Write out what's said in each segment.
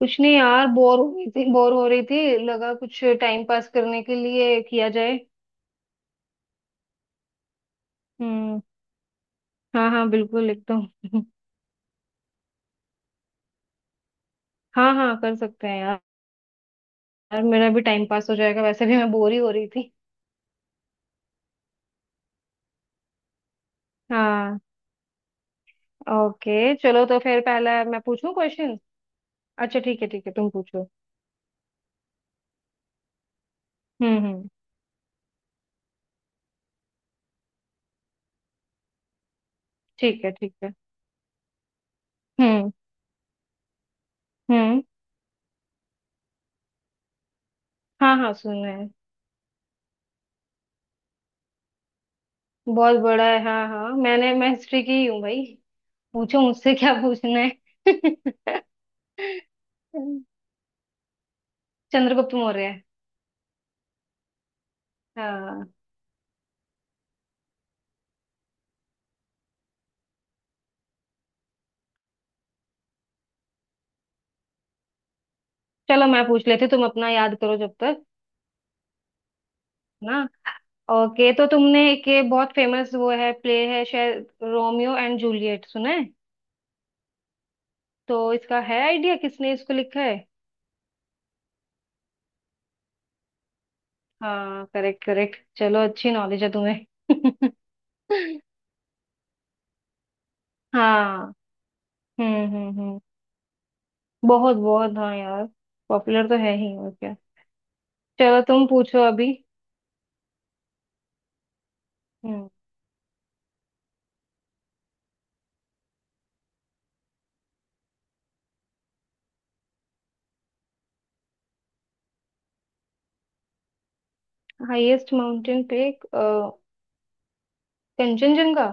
कुछ नहीं यार। बोर हो रही थी, बोर हो रही थी। लगा कुछ टाइम पास करने के लिए किया जाए। हम्म। हाँ हाँ बिल्कुल एकदम। हाँ हाँ कर सकते हैं यार। यार मेरा भी टाइम पास हो जाएगा, वैसे भी मैं बोर ही हो रही थी। हाँ। ओके, चलो तो फिर पहला मैं पूछूं क्वेश्चन। अच्छा ठीक है, ठीक है तुम पूछो। हम्म। ठीक है ठीक है। हम्म हम्म। हाँ हाँ सुना है। बहुत बड़ा है, हाँ हाँ, मैं हिस्ट्री की ही हूँ भाई। पूछो मुझसे क्या पूछना है। चंद्रगुप्त मौर्य। हाँ। चलो मैं पूछ लेती हूँ, तुम अपना याद करो जब तक। है ना। ओके, तो तुमने एक ये बहुत फेमस वो है, प्ले है शायद, रोमियो एंड जूलियट सुना है। तो इसका है आइडिया, किसने इसको लिखा है। हाँ करेक्ट करेक्ट, चलो अच्छी नॉलेज है तुम्हें। हाँ। हम्म। बहुत बहुत हाँ यार। पॉपुलर तो है ही, और क्या। चलो तुम पूछो अभी। हम्म। हाईएस्ट माउंटेन पे। कंचनजंगा।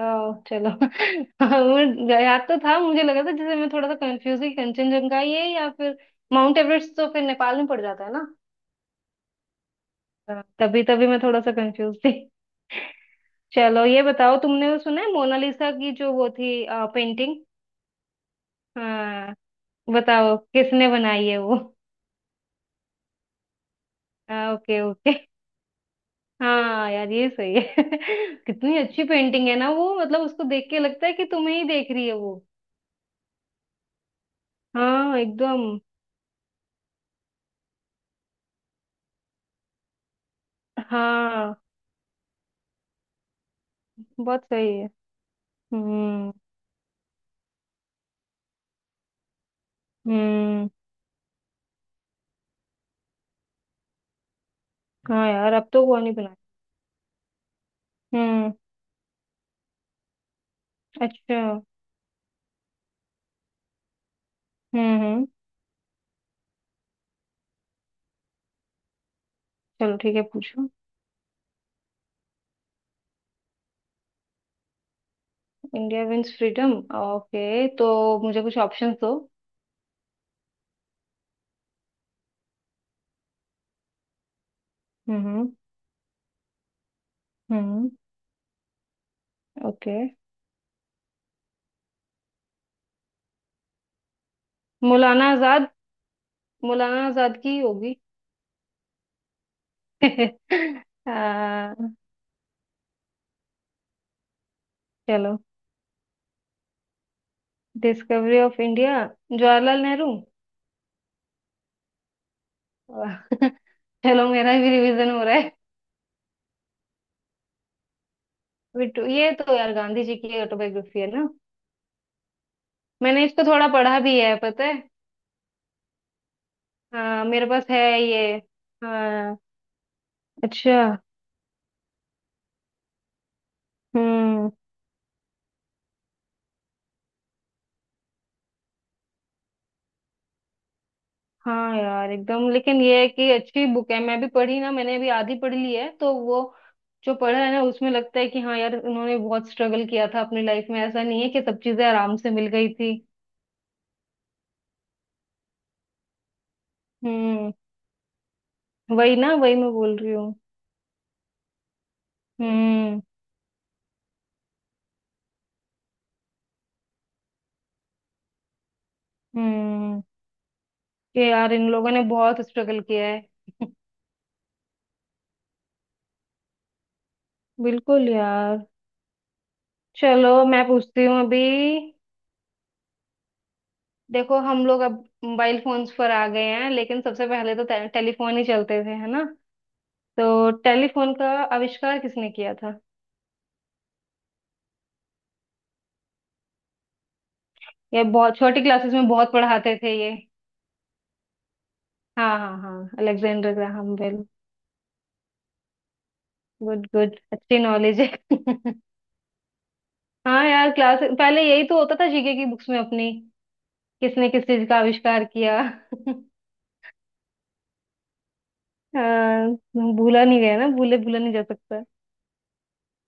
आओ चलो। मैं गया तो था, मुझे लगा था जैसे मैं थोड़ा सा कंफ्यूज ही, कंचनजंगा ही है या फिर माउंट एवरेस्ट, तो फिर नेपाल में पड़ जाता है ना। हाँ। तभी तभी मैं थोड़ा सा कंफ्यूज थी। चलो ये बताओ, तुमने वो सुना है मोनालिसा की, जो वो थी पेंटिंग। हाँ। बताओ किसने बनाई है वो। हाँ, ओके ओके। हाँ यार ये सही है। कितनी अच्छी पेंटिंग है ना वो, मतलब उसको देख के लगता है कि तुम्हें ही देख रही है वो। हाँ एकदम। हाँ। बहुत सही है। हम्म। हम्म। हाँ यार, अब तो वो नहीं बना। हम्म। अच्छा। हम्म। चलो ठीक है पूछो। India wins freedom. ओके, तो मुझे कुछ ऑप्शंस दो। Hmm hmm. Okay. Maulana Azad, Maulana Azad की होगी। आ, चलो। Discovery of India. Jawaharlal Nehru. आ, चलो मेरा भी रिवीजन हो रहा है। बिट्टू, ये तो यार गांधी जी की ऑटोबायोग्राफी है ना। मैंने इसको थोड़ा पढ़ा भी है, पता है। हाँ मेरे पास है ये। हाँ। अच्छा। हम्म। हाँ यार एकदम, लेकिन ये है कि अच्छी बुक है, मैं भी पढ़ी ना, मैंने भी आधी पढ़ ली है, तो वो जो पढ़ा है ना उसमें लगता है कि हाँ यार उन्होंने बहुत स्ट्रगल किया था अपनी लाइफ में, ऐसा नहीं है कि सब चीजें आराम से मिल गई थी। हम्म। वही ना, वही मैं बोल रही हूँ। हम्म हम्म। कि यार इन लोगों ने बहुत स्ट्रगल किया है। बिल्कुल यार। चलो मैं पूछती हूँ अभी। देखो, हम लोग अब मोबाइल फोन्स पर आ गए हैं लेकिन सबसे पहले तो टेलीफोन ही चलते थे, है ना। तो टेलीफोन का आविष्कार किसने किया था। ये बहुत छोटी क्लासेस में बहुत पढ़ाते थे ये। हाँ हाँ हाँ, Alexander Graham Bell. Good good, अच्छी नॉलेज है। हाँ यार, क्लास पहले यही तो होता था जीके की बुक्स में अपनी। किसने किस चीज का आविष्कार किया। हाँ, भूला नहीं गया ना, भूले भूला नहीं जा सकता।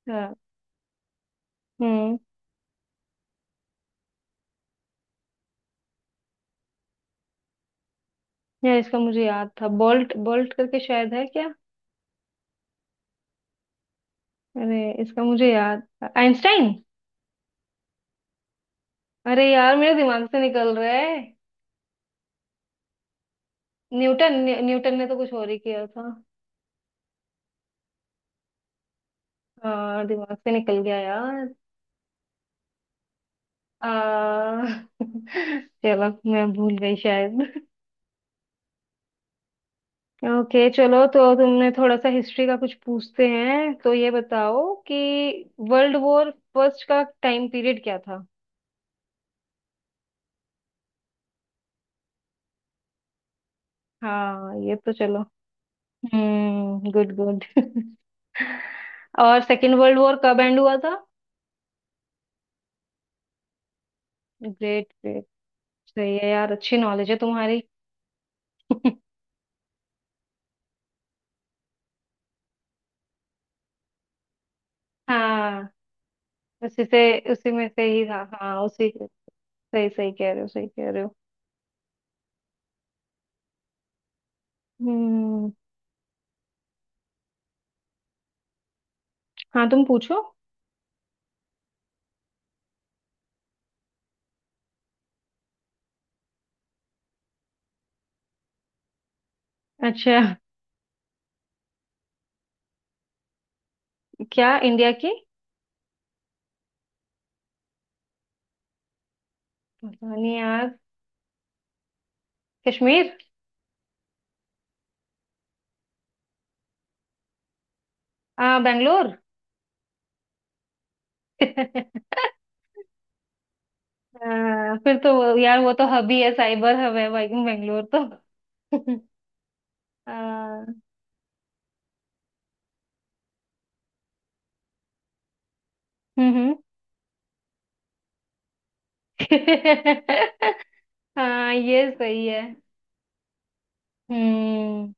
हाँ। हम्म। यार इसका मुझे याद था, बोल्ट बोल्ट करके शायद है। अरे इसका मुझे याद, आइंस्टाइन। अरे यार मेरे दिमाग से निकल रहा है। न्यूटन ने तो कुछ और ही किया था। दिमाग से निकल गया यार। आ, चलो मैं भूल गई शायद। ओके, चलो तो तुमने थोड़ा सा हिस्ट्री का कुछ पूछते हैं, तो ये बताओ कि वर्ल्ड वॉर फर्स्ट का टाइम पीरियड क्या था। हाँ ये तो चलो। Hmm, good good. और सेकंड वर्ल्ड वॉर कब एंड हुआ था। ग्रेट। सही है यार, अच्छी नॉलेज है तुम्हारी। हाँ, उसी से, उसी में से ही था, हाँ उसी से। सही सही कह रहे हो, सही कह रहे हो। हम्म। हाँ तुम पूछो। अच्छा। क्या इंडिया की राजधानी यार। कश्मीर। आ बेंगलोर। फिर तो यार, वो तो हब ही है, साइबर हब है भाई बेंगलोर तो। आ, हम्म। हाँ ये सही है। हम्म।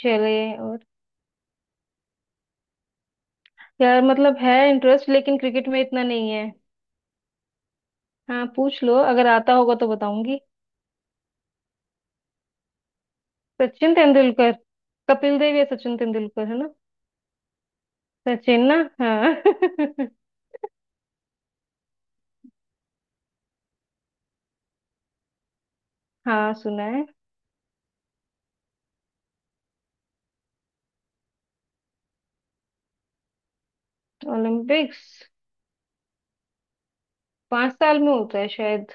चलिए, और। यार मतलब है इंटरेस्ट, लेकिन क्रिकेट में इतना नहीं है। हाँ पूछ लो, अगर आता होगा तो बताऊंगी। सचिन तेंदुलकर। कपिल देव या सचिन तेंदुलकर है ना। सचिन ना। हाँ। हाँ सुना है। ओलंपिक्स। 5 साल में होता है शायद।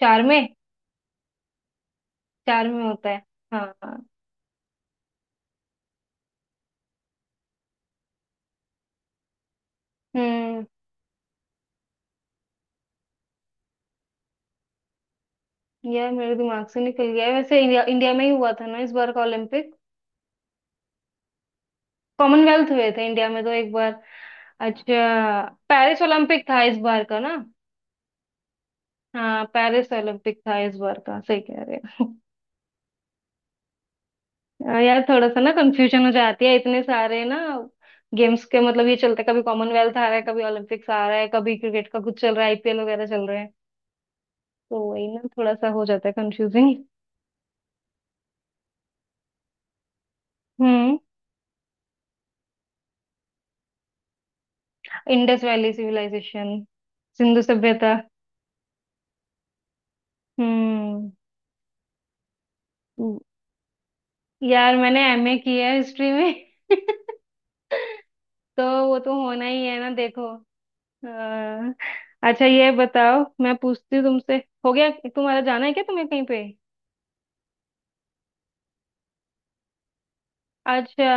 चार में। चार में होता है। हाँ हाँ। हम्म। यार मेरे दिमाग से निकल गया है। वैसे इंडिया, इंडिया में ही हुआ था ना इस बार का ओलंपिक। कॉमनवेल्थ हुए थे इंडिया में तो एक बार। अच्छा। पेरिस ओलंपिक था इस बार का ना। हाँ पेरिस ओलंपिक था इस बार का, सही कह रहे हो। हाँ, यार थोड़ा सा ना कंफ्यूजन हो जाती है, इतने सारे ना गेम्स के, मतलब ये चलते, कभी कॉमनवेल्थ आ रहा है, कभी ओलंपिक्स आ रहा है, कभी क्रिकेट का कुछ चल रहा है, आईपीएल वगैरह चल रहे हैं। तो वही ना थोड़ा सा हो जाता है confusing. Hmm. Indus Valley civilisation. Sindhu सभ्यता। हम्म। यार मैंने एमए किया है हिस्ट्री में। तो वो तो होना ही है ना देखो। अ, अच्छा ये बताओ, मैं पूछती हूँ तुमसे। हो गया। तुम्हारा जाना है क्या, तुम्हें कहीं पे। अच्छा।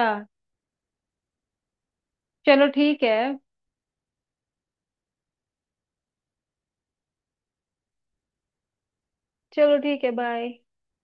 चलो ठीक है। चलो ठीक है, बाय।